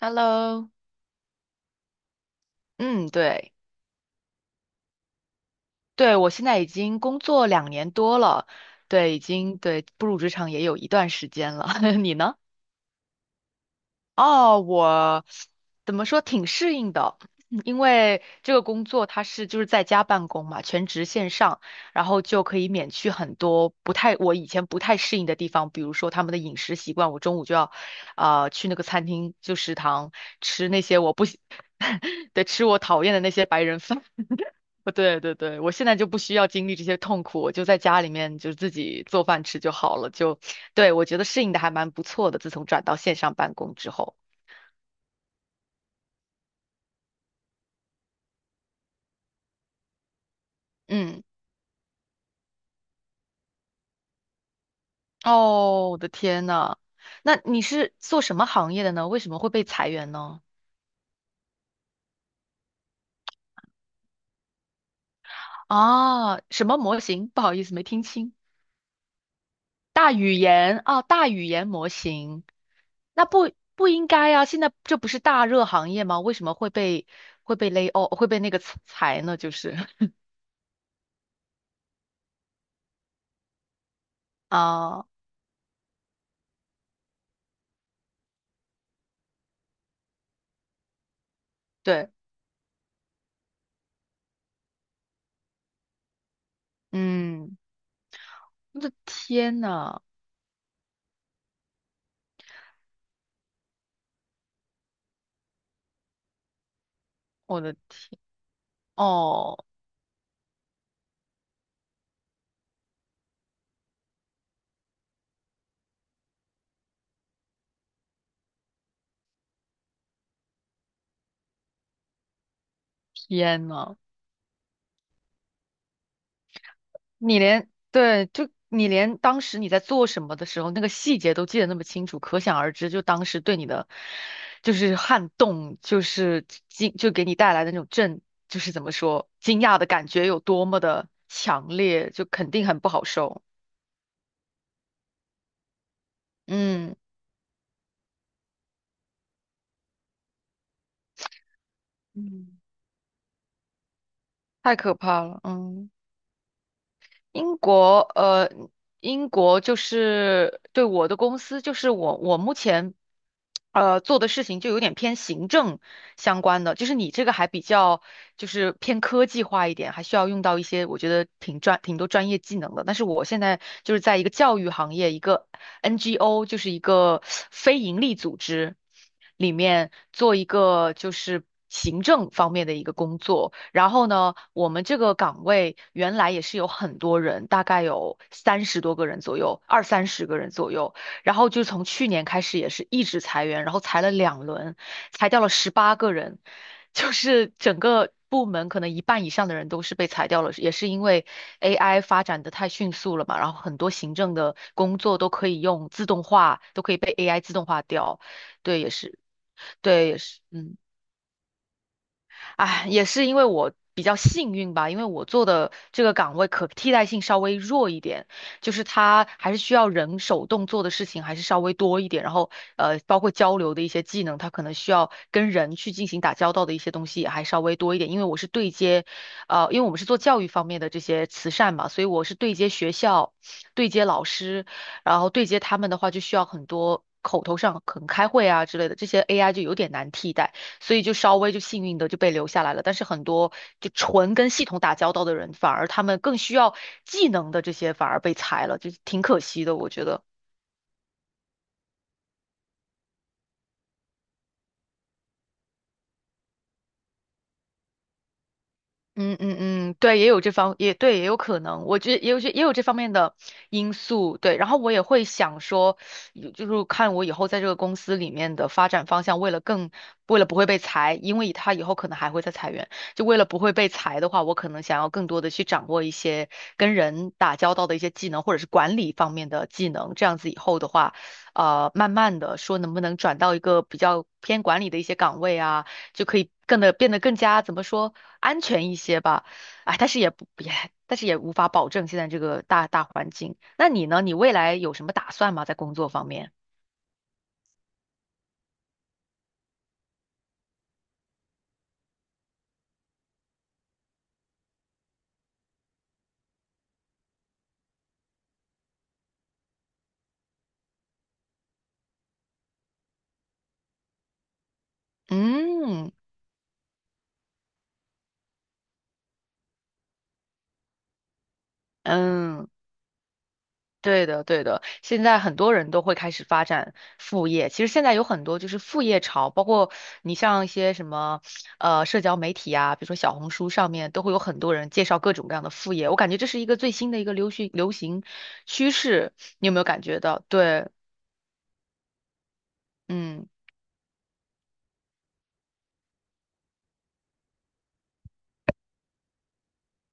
Hello，嗯，对，对，我现在已经工作两年多了，对，已经对步入职场也有一段时间了。你呢？哦，我怎么说挺适应的，因为这个工作就是在家办公嘛，全职线上，然后就可以免去很多不太我以前不太适应的地方，比如说他们的饮食习惯，我中午就要去那个餐厅就食堂吃那些我不喜 对，吃我讨厌的那些白人饭。对对对，我现在就不需要经历这些痛苦，我就在家里面就自己做饭吃就好了。对，我觉得适应的还蛮不错的，自从转到线上办公之后。嗯，哦，我的天呐，那你是做什么行业的呢？为什么会被裁员呢？啊，什么模型？不好意思，没听清。大语言啊，大语言模型，那不应该啊，现在这不是大热行业吗？为什么会被勒？哦，会被那个裁呢？就是 啊。对。嗯，我的天呐，我的天，哦，天呐，对，就你连当时你在做什么的时候，那个细节都记得那么清楚，可想而知，就当时对你的就是撼动，就是惊，就给你带来的那种震，就是怎么说，惊讶的感觉有多么的强烈，就肯定很不好受。嗯，嗯，太可怕了，嗯。英国，英国就是对我的公司，就是我目前，做的事情就有点偏行政相关的，就是你这个还比较就是偏科技化一点，还需要用到一些我觉得挺多专业技能的。但是我现在就是在一个教育行业，一个 NGO，就是一个 非盈利组织。里面做一个就是行政方面的一个工作。然后呢，我们这个岗位原来也是有很多人，大概有30多个人左右，二三十个人左右。然后就从去年开始也是一直裁员，然后裁了2轮，裁掉了18个人，就是整个部门可能一半以上的人都是被裁掉了，也是因为 AI 发展的太迅速了嘛，然后很多行政的工作都可以用自动化，都可以被 AI 自动化掉。对，也是。对，也是，嗯，哎，也是因为我比较幸运吧，因为我做的这个岗位可替代性稍微弱一点，就是它还是需要人手动做的事情还是稍微多一点，然后包括交流的一些技能，它可能需要跟人去进行打交道的一些东西也还稍微多一点，因为我是对接，因为我们是做教育方面的这些慈善嘛，所以我是对接学校，对接老师，然后对接他们的话就需要很多，口头上可能开会啊之类的，这些 AI 就有点难替代。所以就稍微就幸运的就被留下来了。但是很多就纯跟系统打交道的人，反而他们更需要技能的这些反而被裁了，就挺可惜的，我觉得。嗯嗯嗯，对，也有这方，也对，也有可能，我觉得也有这方面的因素，对。然后我也会想说，有就是看我以后在这个公司里面的发展方向，为了不会被裁，因为他以后可能还会再裁员，就为了不会被裁的话，我可能想要更多的去掌握一些跟人打交道的一些技能，或者是管理方面的技能，这样子以后的话，慢慢的说能不能转到一个比较偏管理的一些岗位啊。就可以更的变得更加怎么说安全一些吧。哎，但是也不也，但是也无法保证现在这个大环境。那你呢？你未来有什么打算吗？在工作方面？嗯嗯，对的对的，现在很多人都会开始发展副业。其实现在有很多就是副业潮，包括你像一些什么社交媒体啊，比如说小红书上面都会有很多人介绍各种各样的副业。我感觉这是一个最新的一个流行趋势，你有没有感觉到？对。嗯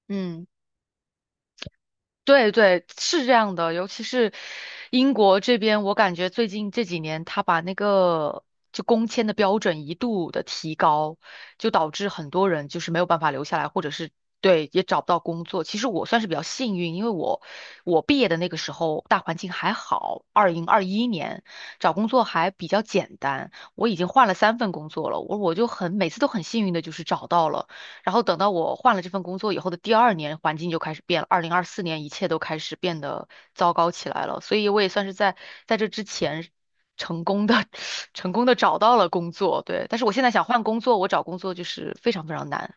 嗯，对对，是这样的，尤其是英国这边，我感觉最近这几年，他把那个就工签的标准一度的提高，就导致很多人就是没有办法留下来，或者是对也找不到工作。其实我算是比较幸运，因为我毕业的那个时候大环境还好，2021年找工作还比较简单，我已经换了3份工作了，我每次都很幸运的就是找到了。然后等到我换了这份工作以后的第2年，环境就开始变了。2024年，一切都开始变得糟糕起来了。所以我也算是在这之前成功的 成功的找到了工作，对。但是我现在想换工作，我找工作就是非常非常难。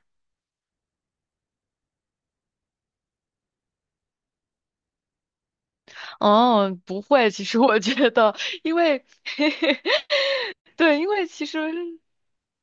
哦，不会，其实我觉得，因为 对，因为其实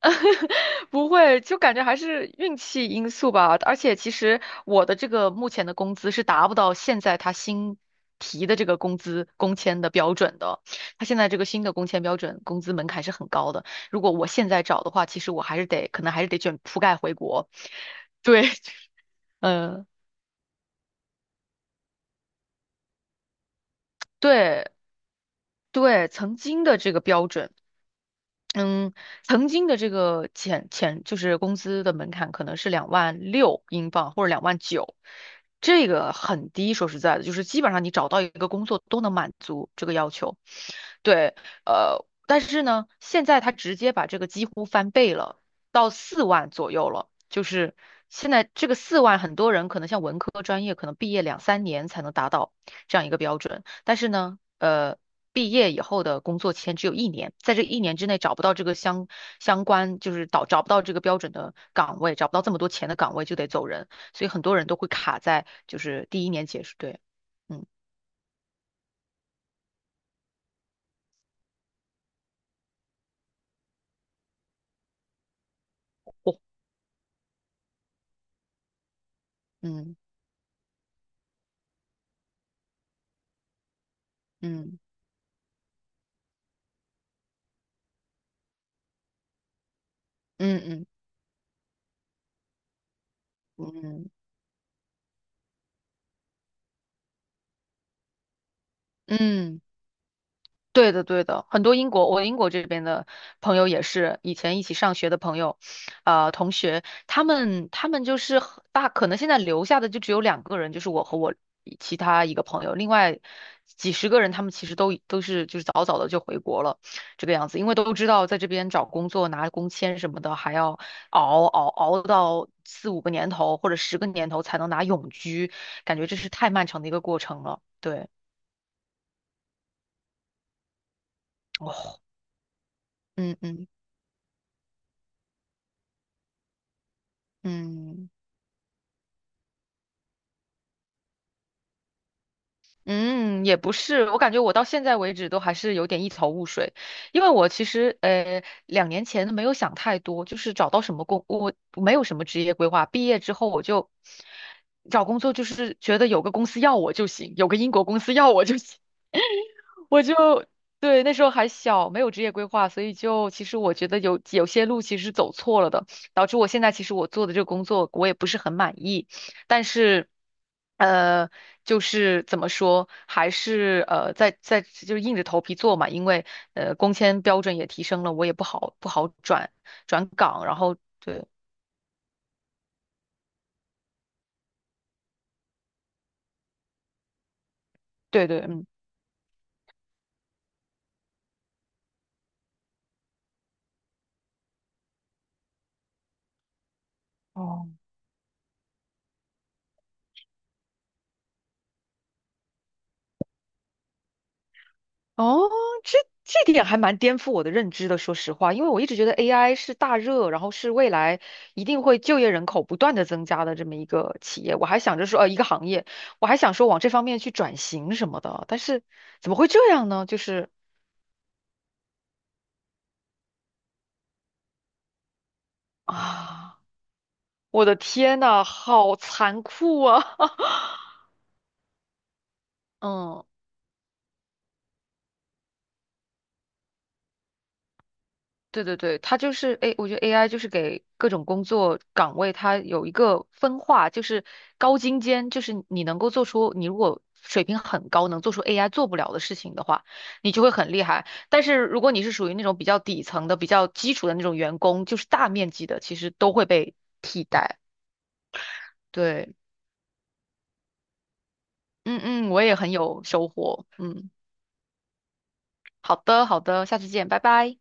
不会，就感觉还是运气因素吧。而且其实我的这个目前的工资是达不到现在他新提的这个工签的标准的。他现在这个新的工签标准，工资门槛是很高的。如果我现在找的话，其实我还是得，可能还是得卷铺盖回国。对，嗯、对对，曾经的这个标准。嗯，曾经的这个就是工资的门槛可能是2万6英镑或者2万9，这个很低。说实在的，就是基本上你找到一个工作都能满足这个要求。对，但是呢，现在他直接把这个几乎翻倍了，到四万左右了。就是现在这个四万，很多人可能像文科专业，可能毕业2、3年才能达到这样一个标准。但是呢，毕业以后的工作签只有一年，在这一年之内找不到这个相关，就是找不到这个标准的岗位，找不到这么多钱的岗位就得走人。所以很多人都会卡在就是第1年结束，对，嗯，哦嗯嗯嗯嗯嗯。嗯嗯，对的，对的，很多英国，我英国这边的朋友也是以前一起上学的朋友，同学，他们就是很大，可能现在留下的就只有2个人，就是我和我其他一个朋友，另外几十个人，他们其实都是就是早早的就回国了，这个样子，因为都知道在这边找工作拿工签什么的，还要熬到4、5个年头或者十个年头才能拿永居，感觉这是太漫长的一个过程了，对，哦，嗯嗯。嗯嗯，也不是，我感觉我到现在为止都还是有点一头雾水，因为我其实2年前没有想太多，就是找到什么工，我没有什么职业规划，毕业之后我就找工作，就是觉得有个公司要我就行，有个英国公司要我就行。我就对那时候还小，没有职业规划，所以就其实我觉得有些路其实走错了的，导致我现在其实我做的这个工作我也不是很满意，但是呃，就是怎么说，还是在就是硬着头皮做嘛，因为工签标准也提升了，我也不好转岗，然后对对对，嗯。哦，哦，这这点还蛮颠覆我的认知的，说实话，因为我一直觉得 AI 是大热，然后是未来一定会就业人口不断的增加的这么一个企业，我还想着说，一个行业，我还想说往这方面去转型什么的，但是怎么会这样呢？就是啊，我的天呐，好残酷啊！嗯。对对对，它就是哎，我觉得 AI 就是给各种工作岗位它有一个分化，就是高精尖，就是你能够做出，你如果水平很高，能做出 AI 做不了的事情的话，你就会很厉害。但是如果你是属于那种比较底层的、比较基础的那种员工，就是大面积的，其实都会被替代。对，嗯嗯，我也很有收获。嗯，好的好的，下次见，拜拜。